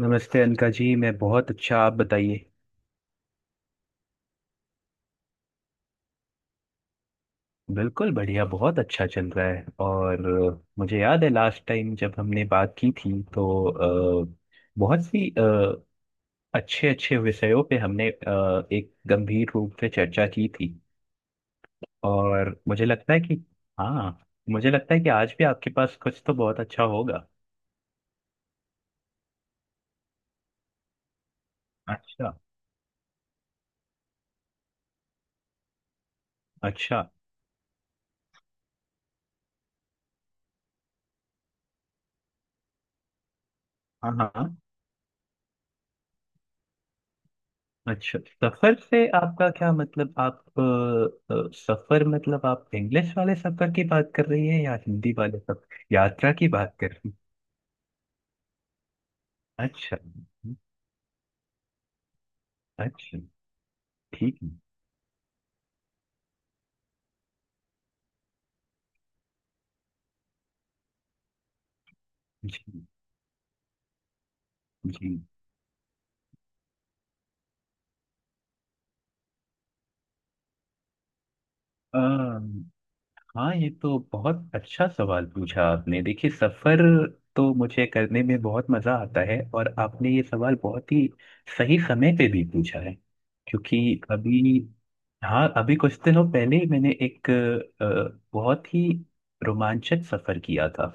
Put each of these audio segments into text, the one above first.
नमस्ते अनका जी। मैं बहुत अच्छा, आप बताइए। बिल्कुल बढ़िया, बहुत अच्छा चल रहा है। और मुझे याद है लास्ट टाइम जब हमने बात की थी तो बहुत सी अच्छे अच्छे विषयों पे हमने एक गंभीर रूप से चर्चा की थी। और मुझे लगता है कि, हाँ, मुझे लगता है कि आज भी आपके पास कुछ तो बहुत अच्छा होगा। अच्छा। अच्छा। हाँ, हाँ। अच्छा, सफर से आपका क्या मतलब? आप सफर मतलब आप इंग्लिश वाले सफर की बात कर रही है या हिंदी वाले सफर यात्रा की बात कर रही है? अच्छा। अच्छा। ठीक है। जी। जी। हाँ, ये तो बहुत अच्छा सवाल पूछा आपने। देखिए सफर तो मुझे करने में बहुत मजा आता है, और आपने ये सवाल बहुत ही सही समय पे भी पूछा है। क्योंकि अभी, हाँ, अभी कुछ दिनों पहले ही मैंने एक बहुत ही रोमांचक सफर किया था।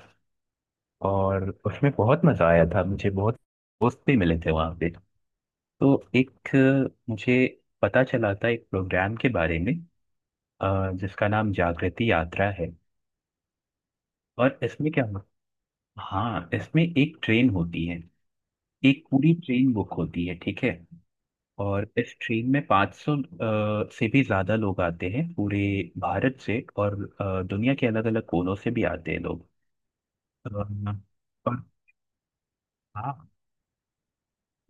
और उसमें बहुत मजा आया था मुझे, बहुत दोस्त भी मिले थे वहाँ पे। तो एक, मुझे पता चला था एक प्रोग्राम के बारे में, जिसका नाम जागृति यात्रा है। और इसमें क्या, हाँ, इसमें एक ट्रेन होती है। एक पूरी ट्रेन बुक होती है, ठीक है। और इस ट्रेन में 500 से भी ज़्यादा लोग आते हैं पूरे भारत से, और दुनिया के अलग अलग कोनों से भी आते हैं लोग। अ, और, हाँ,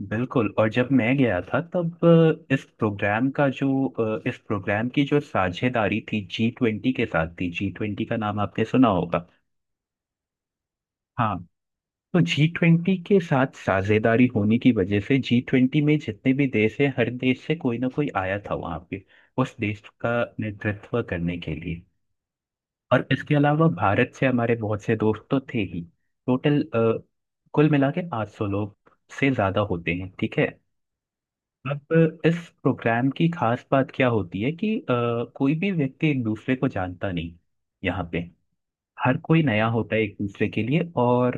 बिल्कुल। और जब मैं गया था तब इस प्रोग्राम का जो, इस प्रोग्राम की जो साझेदारी थी जी ट्वेंटी के साथ थी। जी ट्वेंटी का नाम आपने सुना होगा। हाँ, तो जी ट्वेंटी के साथ साझेदारी होने की वजह से जी ट्वेंटी में जितने भी देश हैं हर देश से कोई ना कोई आया था वहां पे उस देश का नेतृत्व करने के लिए। और इसके अलावा भारत से हमारे बहुत से दोस्त तो थे ही। टोटल कुल मिला के 800 लोग से ज्यादा होते हैं, ठीक है। अब इस प्रोग्राम की खास बात क्या होती है कि कोई भी व्यक्ति एक दूसरे को जानता नहीं यहाँ पे। हर कोई नया होता है एक दूसरे के लिए। और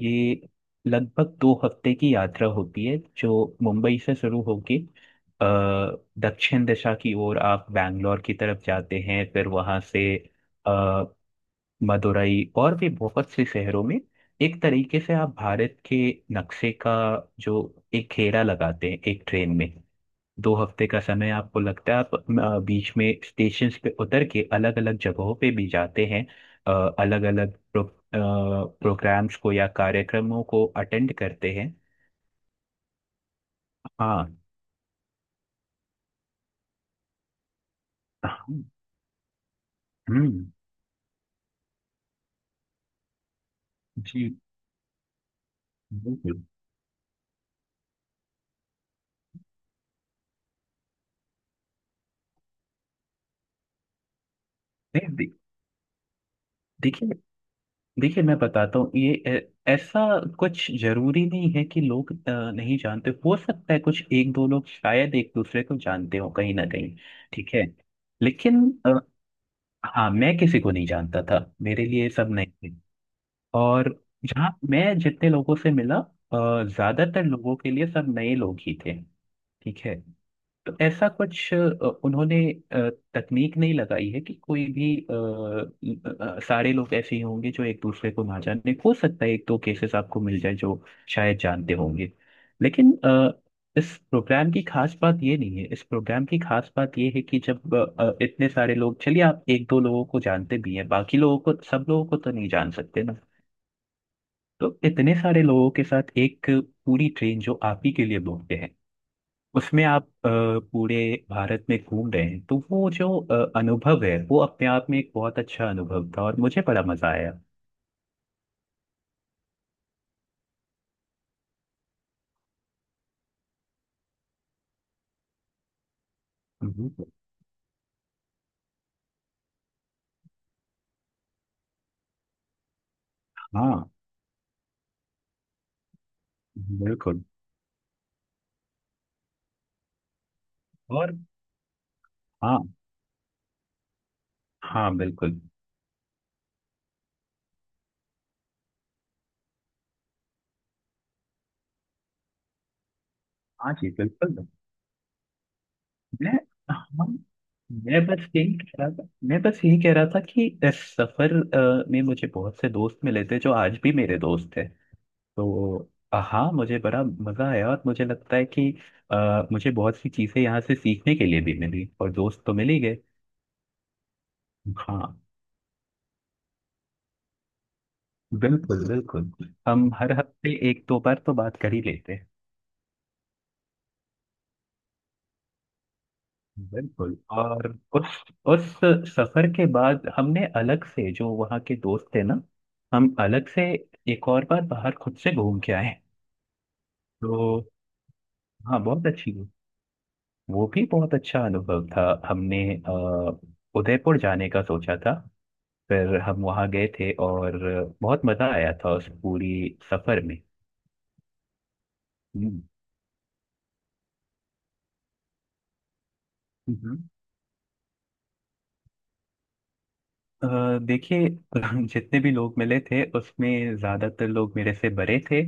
ये लगभग 2 हफ्ते की यात्रा होती है जो मुंबई से शुरू होके अ, दक्षिण दिशा की ओर आप बैंगलोर की तरफ जाते हैं। फिर वहां से अ, मदुरई और भी बहुत से शहरों में, एक तरीके से आप भारत के नक्शे का जो एक घेरा लगाते हैं एक ट्रेन में। 2 हफ्ते का समय आपको लगता है। आप बीच में स्टेशन पे उतर के अलग अलग जगहों पे भी जाते हैं, अलग अलग प्रोग्राम्स को या कार्यक्रमों को अटेंड करते हैं। हाँ। हम्म। जी, बिल्कुल। नहीं, दे- देखिए देखिए मैं बताता हूँ। ये ऐसा कुछ जरूरी नहीं है कि लोग नहीं जानते। हो सकता है कुछ एक दो लोग शायद एक दूसरे को जानते हो कहीं ना कहीं, ठीक है। लेकिन, हाँ, मैं किसी को नहीं जानता था, मेरे लिए ये सब नए थे। और जहाँ मैं जितने लोगों से मिला ज्यादातर लोगों के लिए सब नए लोग ही थे, ठीक है। तो ऐसा कुछ, उन्होंने अ, तकनीक नहीं लगाई है कि कोई भी, सारे लोग ऐसे ही होंगे जो एक दूसरे को ना जाने। हो सकता है एक दो केसेस आपको मिल जाए जो शायद जानते होंगे। लेकिन इस प्रोग्राम की खास बात ये नहीं है, इस प्रोग्राम की खास बात ये है कि जब इतने सारे लोग, चलिए आप एक दो लोगों को जानते भी हैं बाकी लोगों को, सब लोगों को तो नहीं जान सकते ना। तो इतने सारे लोगों के साथ एक पूरी ट्रेन जो आप ही के लिए बोलते हैं उसमें आप पूरे भारत में घूम रहे हैं, तो वो जो अनुभव है वो अपने आप में एक बहुत अच्छा अनुभव था और मुझे बड़ा मजा आया। हम्म। हाँ, बिल्कुल। और, हाँ, हाँ, बिल्कुल। हाँ जी, बिल्कुल। मैं, हाँ, मैं बस यही कह रहा था कि इस सफर में मुझे बहुत से दोस्त मिले थे जो आज भी मेरे दोस्त हैं। तो हाँ, मुझे बड़ा मजा आया। और मुझे लगता है कि मुझे बहुत सी चीजें यहाँ से सीखने के लिए भी मिली, और दोस्त तो मिल ही गए। हाँ, बिल्कुल, बिल्कुल। हम हर हफ्ते एक दो बार तो बात कर ही लेते हैं। बिल्कुल, और उस उस सफर के बाद हमने अलग से जो वहाँ के दोस्त थे ना, हम अलग से एक और बार बाहर खुद से घूम के आए। तो, हाँ, बहुत अच्छी। वो भी बहुत अच्छा अनुभव था। हमने उदयपुर जाने का सोचा था। फिर हम वहाँ गए थे, और बहुत मज़ा आया था उस पूरी सफ़र में। हम्म। हम्म। देखिए जितने भी लोग मिले थे उसमें ज़्यादातर लोग मेरे से बड़े थे।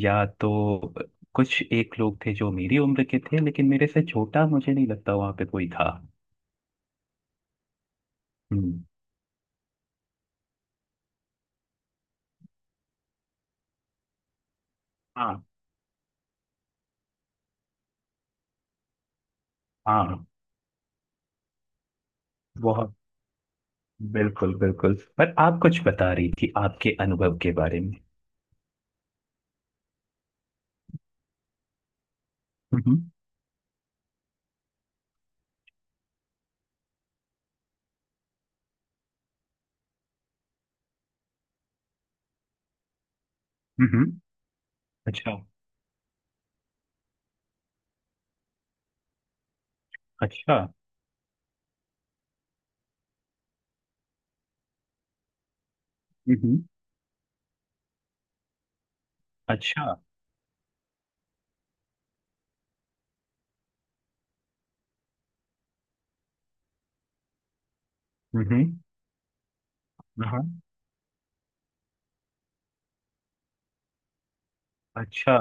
या तो कुछ एक लोग थे जो मेरी उम्र के थे, लेकिन मेरे से छोटा मुझे नहीं लगता वहाँ पे कोई था। हम्म। हाँ, हाँ। बहुत, बिल्कुल, बिल्कुल, पर आप कुछ बता रही थी आपके अनुभव के बारे में। हम्म। हम्म। अच्छा। अच्छा। हम्म। अच्छा। हम्म। अच्छा।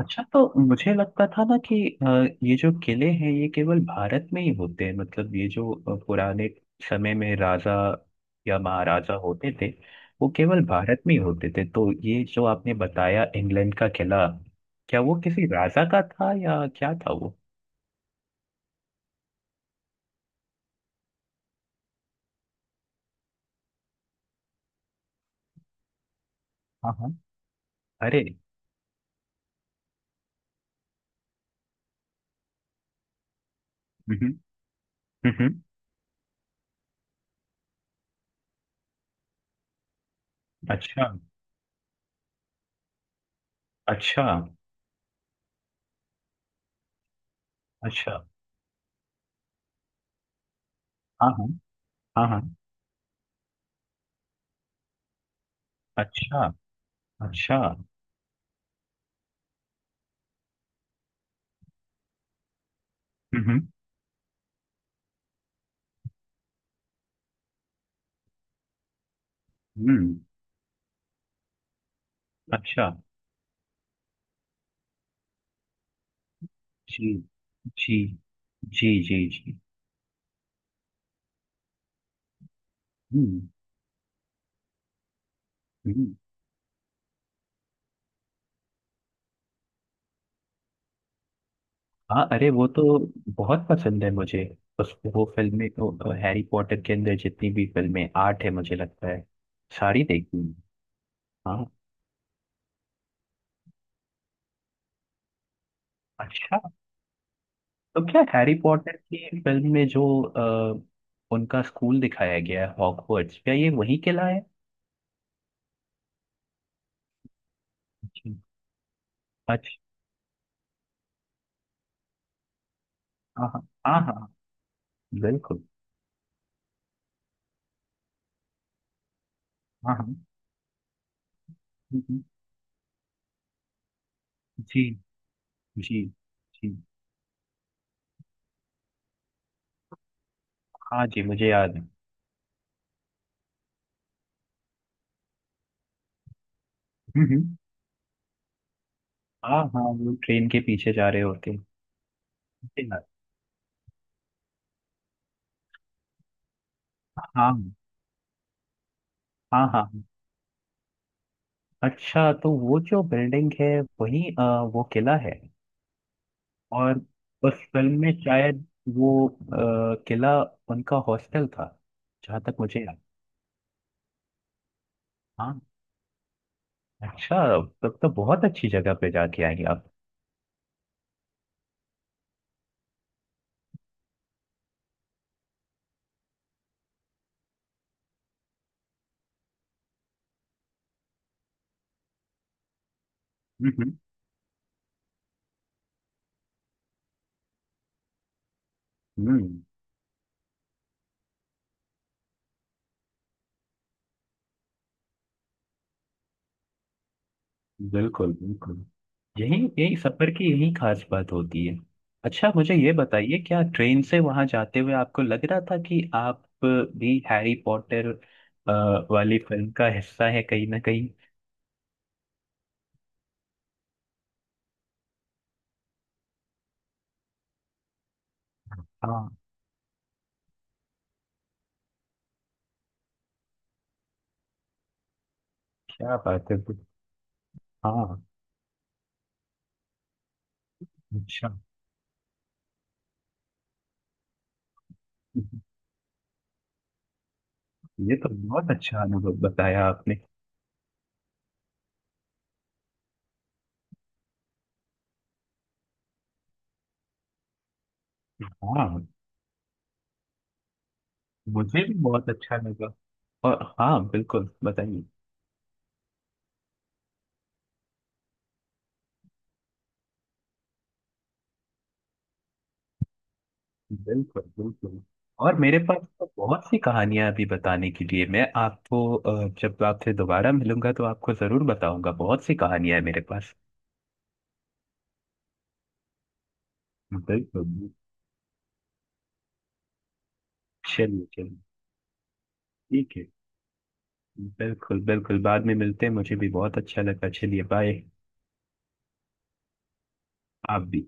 अच्छा, तो मुझे लगता था ना कि अ, ये जो किले हैं ये केवल भारत में ही होते हैं, मतलब ये जो पुराने समय में राजा या महाराजा होते थे वो केवल भारत में ही होते थे। तो ये जो आपने बताया इंग्लैंड का किला, क्या वो किसी राजा का था, या क्या था वो? हाँ, हाँ। अरे। हम्म। हम्म। अच्छा। अच्छा। अच्छा। हाँ, हाँ, हाँ, हाँ। अच्छा। अच्छा। हम्म। हम्म। अच्छा। जी। जी। जी। जी। जी। हम्म। हम्म। हाँ, अरे, वो तो बहुत पसंद है मुझे। उस वो फिल्में तो हैरी पॉटर के अंदर जितनी भी फिल्में आठ है मुझे लगता है सारी देखी हूँ। हाँ। अच्छा, तो क्या हैरी पॉटर की फिल्म में जो उनका स्कूल दिखाया गया है हॉगवर्ट्स, क्या ये वही किला है? जी। अच्छा। हाँ, हाँ, हाँ, हाँ, बिल्कुल। हाँ, हाँ। हम्म, हम्म। जी। जी। जी। हाँ जी, मुझे याद है। हम्म, हम्म। हाँ, हाँ, वो ट्रेन के पीछे जा रहे होते हैं। हाँ, हाँ, हाँ, हाँ। अच्छा, तो वो जो बिल्डिंग है वही वो किला है। और उस फिल्म में शायद वो किला उनका हॉस्टल था, जहाँ तक मुझे याद। हाँ। अच्छा, तब तो बहुत अच्छी जगह पे जाके आएंगे आप। हम्म। हम्म। हम्म। बिल्कुल, बिल्कुल, यही यही सफर की यही खास बात होती है। अच्छा मुझे ये बताइए, क्या ट्रेन से वहां जाते हुए आपको लग रहा था कि आप भी हैरी पॉटर वाली फिल्म का हिस्सा है कहीं ना कहीं? हाँ, क्या बात है। हाँ। अच्छा, ये तो बहुत अच्छा अनुभव बताया आपने। हाँ, मुझे भी बहुत अच्छा लगा। और, हाँ, बिल्कुल बताइए। बिल्कुल, बिल्कुल। और मेरे पास तो बहुत सी कहानियां अभी बताने के लिए, मैं आपको जब आपसे दोबारा मिलूंगा तो आपको जरूर बताऊंगा। बहुत सी कहानियां है मेरे पास। बिल्कुल। चलिए, चलिए। ठीक है, बिल्कुल, बिल्कुल, बाद में मिलते हैं। मुझे भी बहुत अच्छा लगा। चलिए, बाय। आप भी।